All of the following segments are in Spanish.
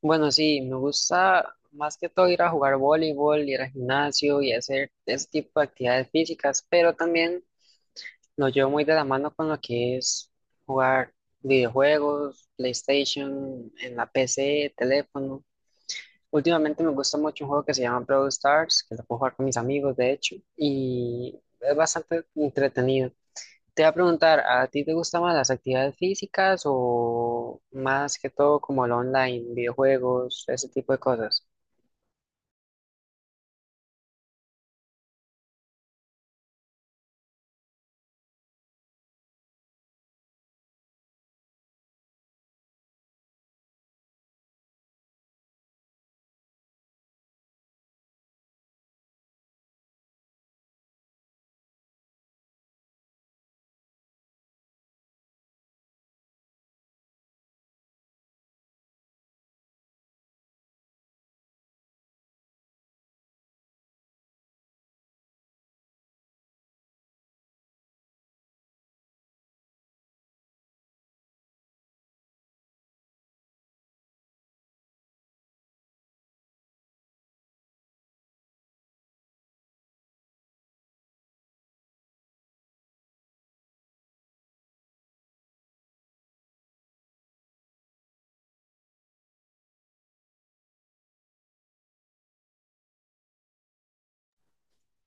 Bueno, sí, me gusta más que todo ir a jugar voleibol, ir al gimnasio y hacer ese tipo de actividades físicas, pero también lo llevo muy de la mano con lo que es jugar videojuegos, PlayStation, en la PC, teléfono. Últimamente me gusta mucho un juego que se llama Brawl Stars, que lo puedo jugar con mis amigos, de hecho, y es bastante entretenido. Te voy a preguntar, ¿a ti te gustan más las actividades físicas o más que todo como lo online, videojuegos, ese tipo de cosas?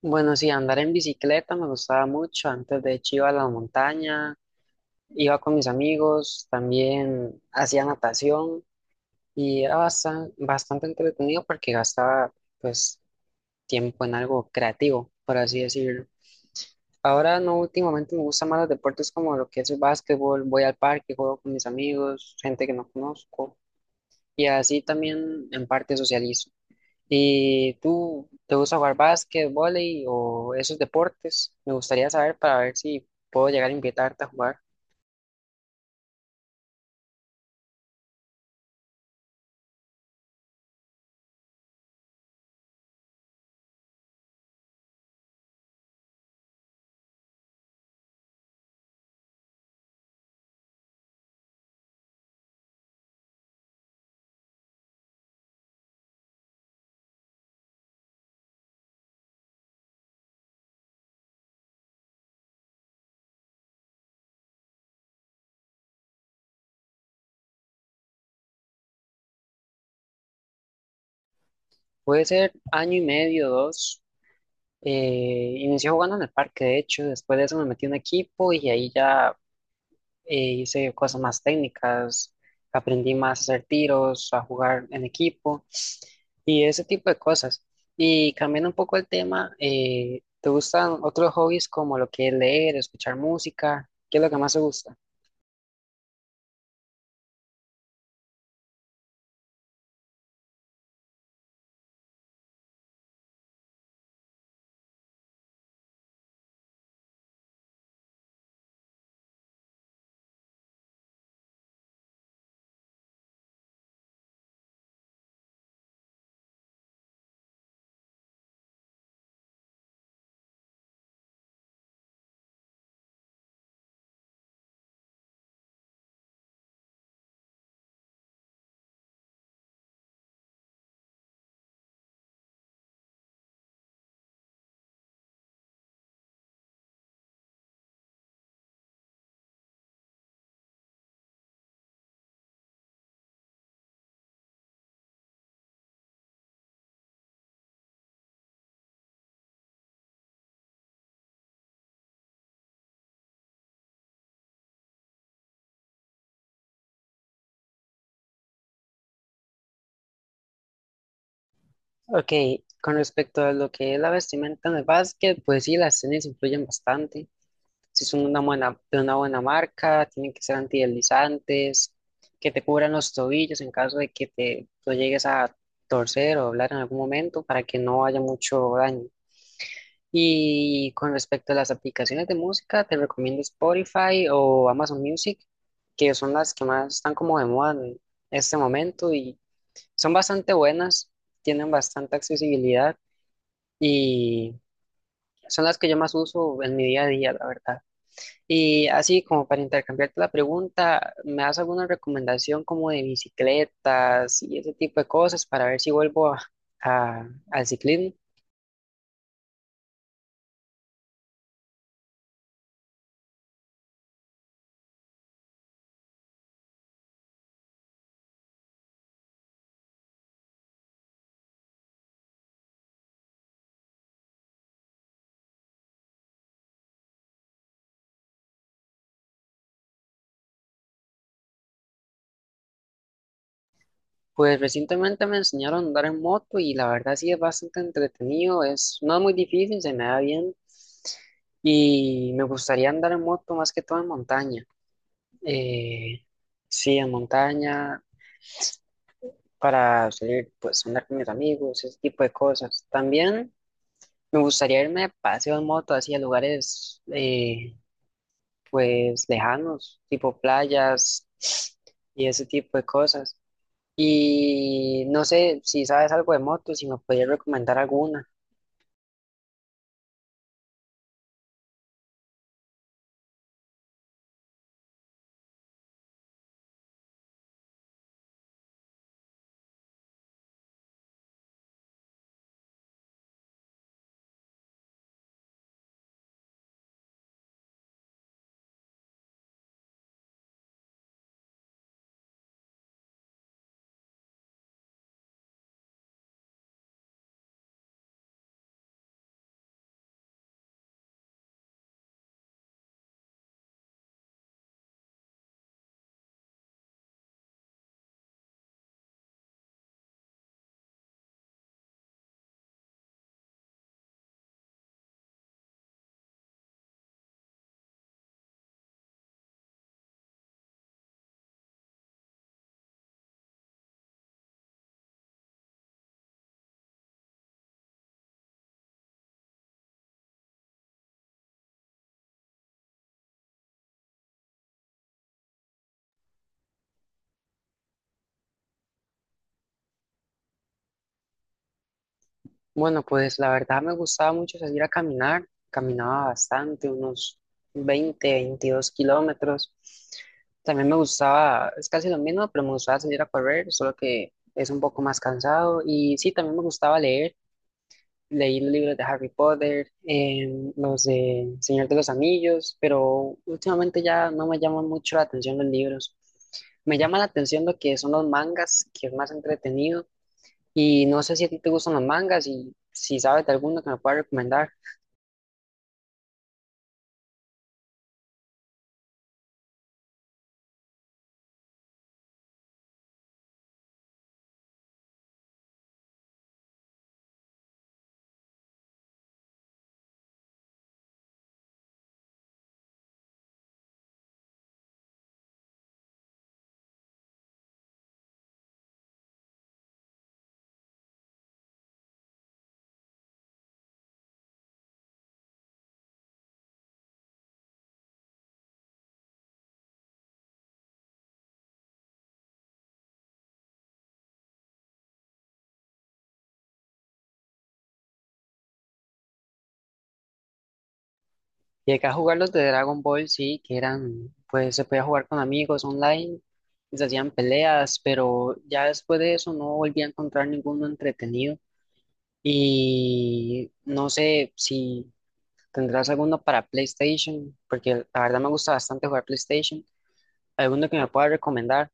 Bueno, sí, andar en bicicleta me gustaba mucho. Antes de hecho iba a la montaña, iba con mis amigos, también hacía natación y era bastante, bastante entretenido porque gastaba pues tiempo en algo creativo, por así decirlo. Ahora no, últimamente me gustan más los deportes como lo que es el básquetbol, voy al parque, juego con mis amigos, gente que no conozco y así también en parte socializo. ¿Y tú te gusta jugar básquet, vóley o esos deportes? Me gustaría saber para ver si puedo llegar a invitarte a jugar. Puede ser año y medio, dos. Inicié jugando en el parque, de hecho, después de eso me metí en un equipo y ahí ya hice cosas más técnicas, aprendí más a hacer tiros, a jugar en equipo y ese tipo de cosas. Y cambiando un poco el tema, ¿te gustan otros hobbies como lo que es leer, escuchar música? ¿Qué es lo que más te gusta? Ok, con respecto a lo que es la vestimenta en el básquet, pues sí, las tenis influyen bastante. Si son una buena, de una buena marca, tienen que ser antideslizantes, que te cubran los tobillos en caso de que te lo llegues a torcer o doblar en algún momento para que no haya mucho daño. Y con respecto a las aplicaciones de música, te recomiendo Spotify o Amazon Music, que son las que más están como de moda en este momento y son bastante buenas, tienen bastante accesibilidad y son las que yo más uso en mi día a día, la verdad. Y así como para intercambiarte la pregunta, ¿me das alguna recomendación como de bicicletas y ese tipo de cosas para ver si vuelvo al ciclismo? Pues recientemente me enseñaron a andar en moto y la verdad sí es bastante entretenido, es, no es muy difícil, se me da bien y me gustaría andar en moto más que todo en montaña. Eh, sí, en montaña. Para salir, pues, a andar con mis amigos, ese tipo de cosas. También me gustaría irme de paseo en moto, así a lugares, pues, lejanos, tipo playas y ese tipo de cosas. Y no sé si sabes algo de motos, si me podrías recomendar alguna. Bueno, pues la verdad me gustaba mucho salir a caminar. Caminaba bastante, unos 20, 22 kilómetros. También me gustaba, es casi lo mismo, pero me gustaba salir a correr, solo que es un poco más cansado. Y sí, también me gustaba leer. Leí los libros de Harry Potter, los de Señor de los Anillos, pero últimamente ya no me llaman mucho la atención los libros. Me llama la atención lo que son los mangas, que es más entretenido y no sé si a ti te gustan los mangas y si sabes de alguno que me puedas recomendar. Llegué a jugar los de Dragon Ball, sí, que eran, pues se podía jugar con amigos online, y se hacían peleas, pero ya después de eso no volví a encontrar ninguno entretenido. Y no sé si tendrás alguno para PlayStation, porque la verdad me gusta bastante jugar PlayStation. ¿Alguno que me pueda recomendar?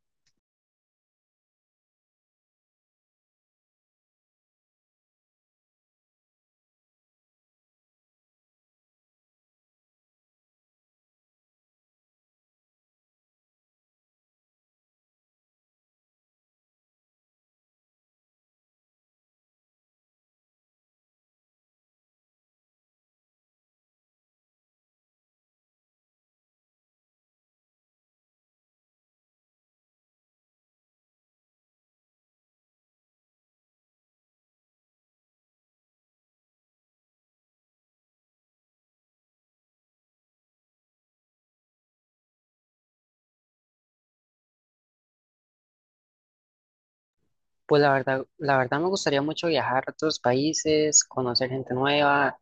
Pues la verdad me gustaría mucho viajar a otros países, conocer gente nueva,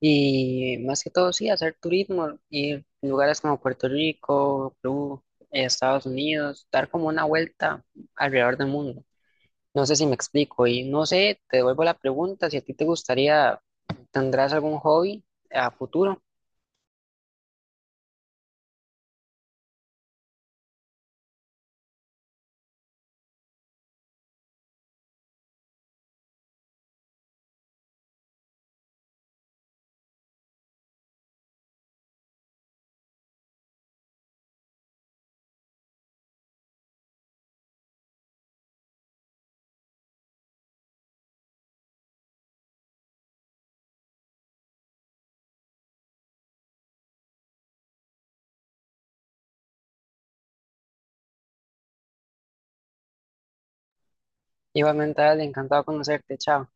y más que todo, sí, hacer turismo, ir a lugares como Puerto Rico, Perú, Estados Unidos, dar como una vuelta alrededor del mundo. No sé si me explico y no sé, te devuelvo la pregunta, si a ti te gustaría, ¿tendrás algún hobby a futuro? Igualmente, dale, encantado de conocerte, chao.